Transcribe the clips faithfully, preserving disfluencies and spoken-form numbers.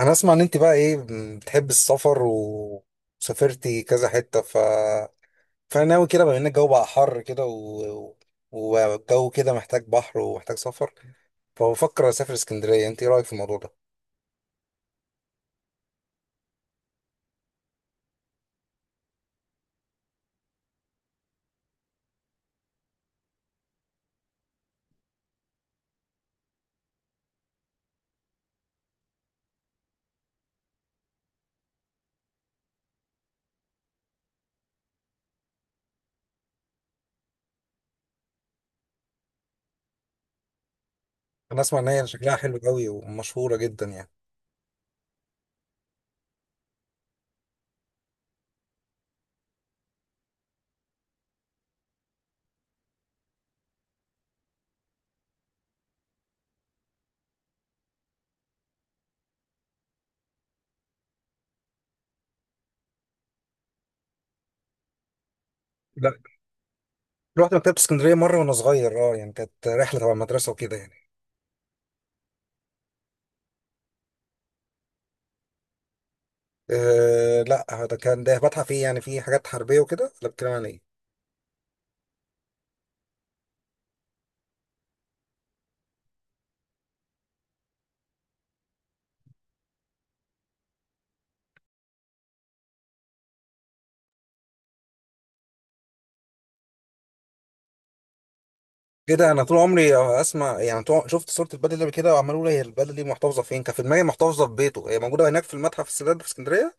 انا اسمع ان انت بقى ايه؟ بتحب السفر وسافرتي كذا حتة ف فناوي كده، بما ان الجو بقى حر كده و... و- والجو كده محتاج بحر ومحتاج سفر، فبفكر اسافر اسكندرية. انت ايه رأيك في الموضوع ده؟ انا اسمع ان هي شكلها حلو قوي ومشهورة جدا يعني. لا، رحت مكتبة اسكندرية مرة وانا صغير، اه يعني كانت رحلة تبع المدرسة وكده يعني. أه لا، ده كان ده متحف ايه يعني، فيه حاجات حربية وكده ولا بتتكلم عن ايه؟ كده انا طول عمري اسمع، يعني طول شفت صوره البلد دي قبل كده وعمال اقول هي البلد دي محتفظه فين؟ كان في دماغي محتفظه في بيته، هي موجوده هناك في المتحف السادات في اسكندريه.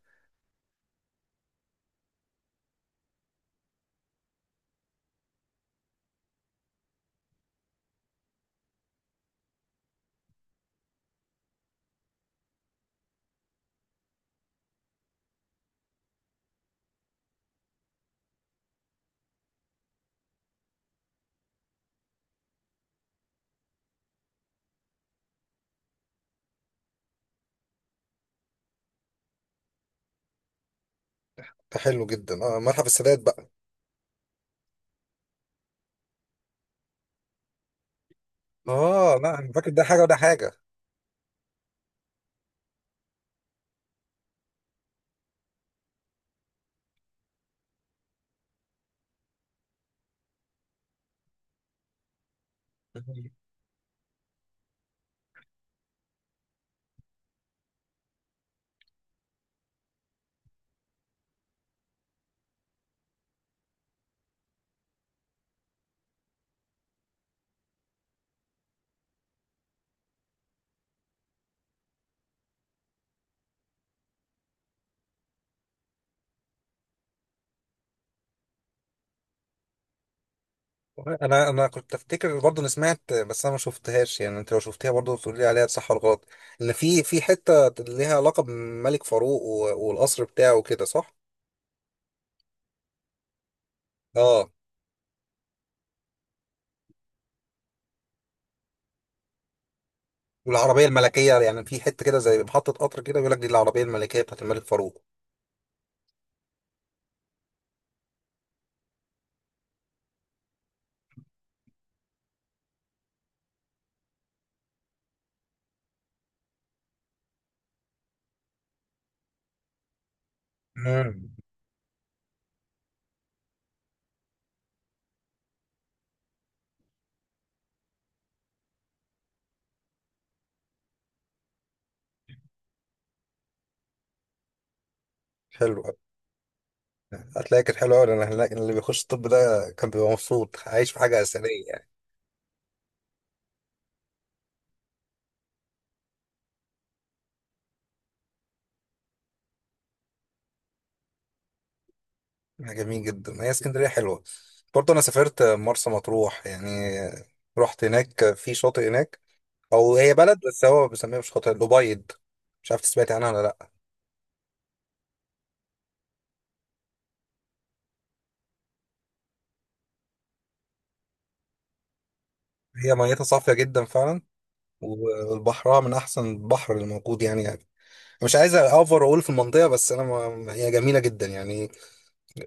حلو جدا، اه متحف السادات بقى. اه لا، انا فاكر ده حاجه وده حاجه. انا انا كنت افتكر برضه، انا سمعت بس انا ما شفتهاش يعني، انت لو شفتيها برضه تقول لي عليها صح ولا غلط. ان في في حته ليها علاقه بملك فاروق و- والقصر بتاعه وكده، صح؟ اه، والعربيه الملكيه يعني، في حته كده زي محطه قطر كده بيقول لك دي العربيه الملكيه بتاعت الملك فاروق. امم، حلو. هتلاقي كانت حلوة أوي، لأن هناك اللي بيخش الطب ده كان بيبقى مبسوط عايش في حاجة أثرية يعني. حاجة جميل جدا هي اسكندرية حلوة. برضه أنا سافرت مرسى مطروح يعني، رحت هناك في شاطئ هناك، أو هي بلد بس هو بيسميها، مش شاطئ الأبيض، مش عارف سمعت عنها ولا لأ. هي ميتها صافية جدا فعلا، وبحرها من أحسن البحر اللي موجود يعني، يعني. مش عايز أوفر أقول في المنطقة، بس أنا ما... هي جميلة جدا يعني.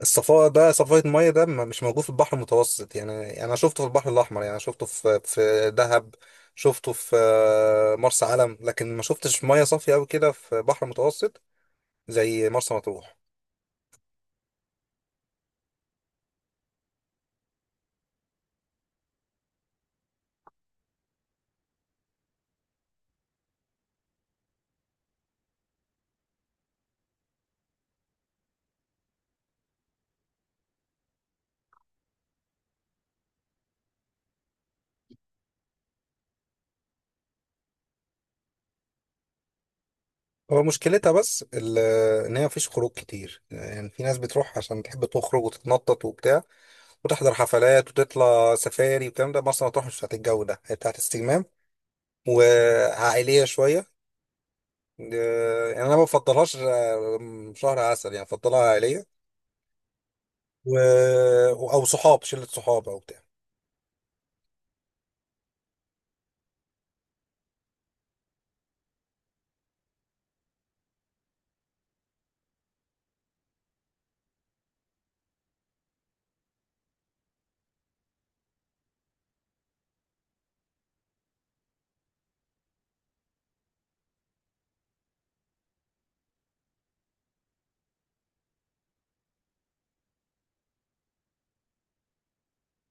الصفاء ده، صفاء المية ده، م- مش موجود في البحر المتوسط يعني. يعني انا شفته في البحر الاحمر، يعني شفته في في دهب، شفته في آه، مرسى علم، لكن ما شفتش مية صافية قوي كده في بحر متوسط زي مرسى مطروح. هو مشكلتها بس ال- ان هي مفيش خروج كتير يعني، في ناس بتروح عشان تحب تخرج وتتنطط وبتاع، وتحضر حفلات وتطلع سفاري والكلام ده. مرسى مطروح مش بتاعت الجو ده، هي بتاعت استجمام وعائليه شويه. آه، يعني انا ما بفضلهاش آه، شهر عسل يعني، بفضلها عائليه و... او صحاب، شله صحاب او بتاع.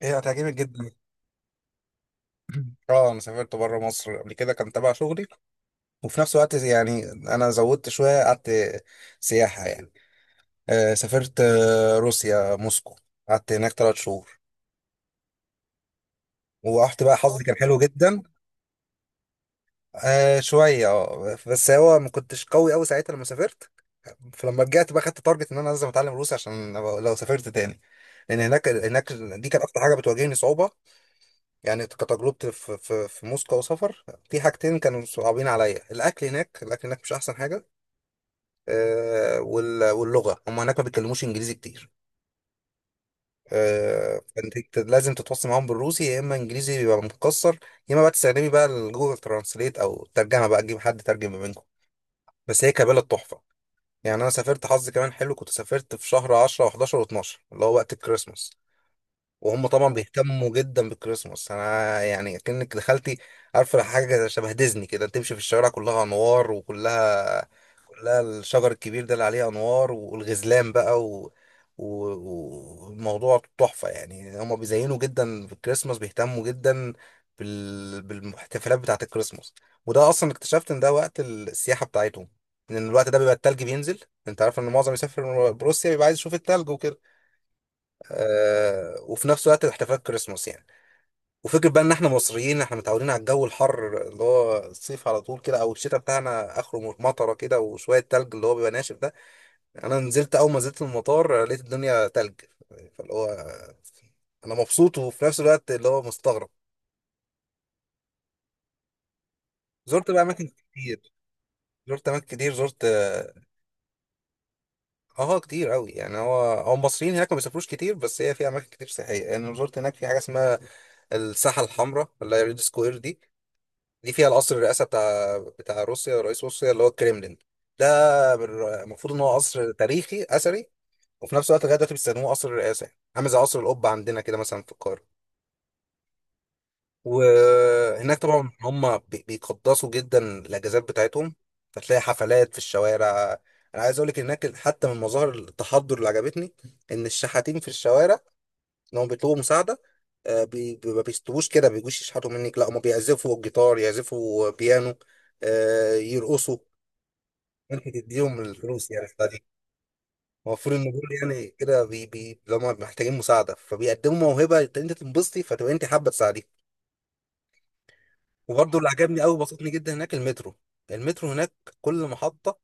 هي هتعجبك جدا. اه، انا سافرت بره مصر قبل كده، كان تبع شغلي وفي نفس الوقت يعني انا زودت شويه، قعدت سياحه يعني. آه سافرت آه روسيا، موسكو، قعدت هناك ثلاث شهور ورحت بقى، حظي كان حلو جدا. آه شويه اه، بس هو ما كنتش قوي قوي ساعتها لما سافرت، فلما رجعت بقى خدت تارجت ان انا لازم اتعلم روسي، عشان لو لو سافرت تاني، لان هناك هناك دي كانت اكتر حاجه بتواجهني صعوبه. يعني كتجربتي في في في موسكو وسفر، في حاجتين كانوا صعبين عليا: الاكل هناك، الاكل هناك مش احسن حاجه. آه وال- واللغه، هم هناك ما بيتكلموش انجليزي كتير. آه فانت ت- لازم تتواصل معاهم بالروسي، يا اما انجليزي بيبقى متكسر، يا اما بقى تستخدمي بقى الجوجل ترانسليت، او الترجمه بقى تجيب حد ترجم ما بينكم. بس هي كبلد تحفه. يعني انا سافرت، حظي كمان حلو، كنت سافرت في شهر عشرة و11 و12، اللي هو وقت الكريسماس. وهم طبعا بيهتموا جدا بالكريسماس، انا يعني كأنك دخلتي، عارفه، حاجه شبه ديزني كده، تمشي في الشوارع كلها انوار وكلها، كلها الشجر الكبير ده اللي عليه انوار والغزلان بقى و... و... والموضوع تحفه. يعني هم بيزينوا جدا بالكريسماس، بيهتموا جدا بال... بالاحتفالات بتاعه الكريسماس. وده اصلا اكتشفت ان ده وقت السياحه بتاعتهم، ان الوقت ده بيبقى التلج بينزل. انت عارف ان معظم يسافر بروسيا بيبقى عايز يشوف التلج وكده. آه، وفي نفس الوقت احتفالات كريسماس يعني. وفكرة بقى ان احنا مصريين، احنا متعودين على الجو الحر اللي هو الصيف على طول كده، او الشتاء بتاعنا اخره مطره كده وشوية تلج اللي هو بيبقى ناشف ده. انا نزلت، اول ما نزلت المطار لقيت الدنيا تلج، فاللي هو انا مبسوط وفي نفس الوقت اللي هو مستغرب. زرت بقى اماكن كتير، زرت اماكن كتير، زرت اه آه، كتير قوي يعني. هو هو المصريين هناك ما بيسافروش كتير، بس هي في اماكن كتير سياحيه يعني. أنا زرت هناك في حاجه اسمها الساحه الحمراء، اللي هي ريد سكوير دي. دي فيها القصر الرئاسة بتاع بتاع روسيا، رئيس روسيا، اللي هو الكريملين ده. بر- المفروض ان هو قصر تاريخي اثري، وفي نفس الوقت لغايه دلوقتي بيستخدموه قصر الرئاسة يعني. عامل زي قصر القبة عندنا كده مثلا في القاهرة. وهناك طبعا هم بي- بيقدسوا جدا الاجازات بتاعتهم، فتلاقي حفلات في الشوارع. انا عايز اقول لك هناك حتى من مظاهر التحضر اللي عجبتني، ان الشحاتين في الشوارع، ان هم بيطلبوا مساعده، آه، بي- بي- ما بيستووش كده، ما بيجوش يشحتوا منك، لا هم بيعزفوا جيتار، يعزفوا بيانو، آه، يرقصوا، انت تديهم الفلوس يعني، بتاع دي. المفروض ان دول يعني كده بي بي لما محتاجين مساعده فبيقدموا موهبه، انت انت تنبسطي فتبقى انت حابه تساعديه. وبرضه اللي عجبني قوي، بسطني جدا هناك، المترو. المترو هناك، كل محطه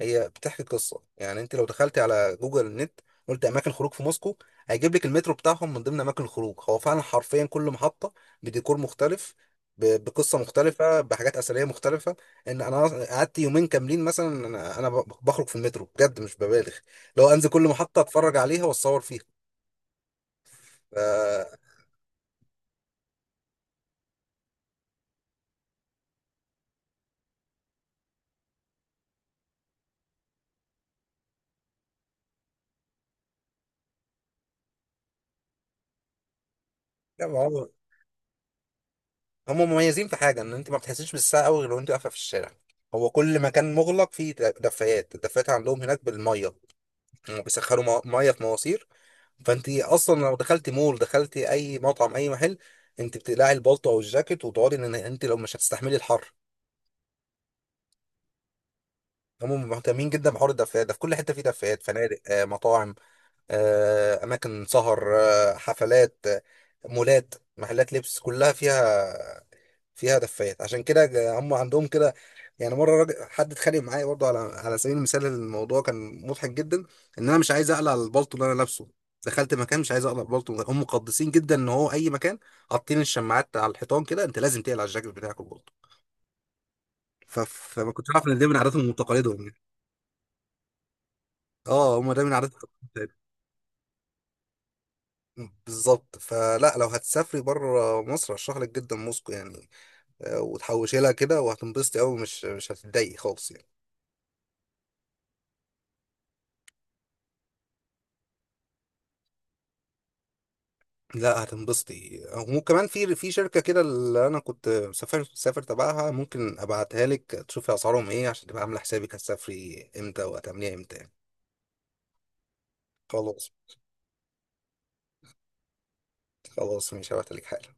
هي بتحكي قصه. يعني انت لو دخلتي على جوجل نت، قلت اماكن خروج في موسكو، هيجيب لك المترو بتاعهم من ضمن اماكن الخروج. هو فعلا حرفيا كل محطه بديكور مختلف، ب- بقصه مختلفه، بحاجات اثريه مختلفه. ان انا قعدت يومين كاملين مثلا انا أنا ب- بخرج في المترو، بجد مش ببالغ، لو انزل كل محطه اتفرج عليها واتصور فيها ف... لا. ما هو هم مميزين في حاجه، ان انت ما بتحسيش بالساعه قوي غير وانت واقفه في الشارع، هو كل مكان مغلق فيه دفايات. الدفايات عندهم هناك بالميه، مم، بيسخنوا مو- ميه في مواسير. فانت اصلا لو دخلتي مول، دخلتي اي مطعم، اي محل، انت بتقلعي البلطو او الجاكيت وتقعدي، ان انت لو مش هتستحملي الحر. هم مهتمين جدا بحوار الدفايات ده، في كل حته في دفايات، فنادق، آه، مطاعم، آه، اماكن سهر، آه، حفلات، آه، مولات، محلات لبس، كلها فيها، فيها دفايات. عشان كده ج- هم عندهم كده. يعني مره راجل، حد اتخانق معايا برضه، على على سبيل المثال، الموضوع كان مضحك جدا، ان انا مش عايز اقلع البلطو اللي انا لابسه. دخلت مكان، مش عايز اقلع البلطو، هم مقدسين جدا ان هو اي مكان حاطين الشماعات على الحيطان كده، انت لازم تقلع الجاكيت بتاعك والبلطو. ف... فما كنتش عارف ان ده من عاداتهم وتقاليدهم يعني. اه، هم ده من عاداتهم وتقاليدهم. بالظبط، فلا، لو هتسافري بره مصر ارشح لك جدا موسكو يعني. آه، وتحوشي لها كده وهتنبسطي قوي، مش مش هتتضايقي خالص يعني. لا هتنبسطي. وكمان في في شركة كده، اللي أنا كنت مسافر مسافر تبعها، ممكن أبعتها لك تشوفي أسعارهم إيه، عشان تبقى عاملة حسابك هتسافري إمتى وهتعمليها إمتى يعني. خلاص. خلاص مش هبعتلك حالا.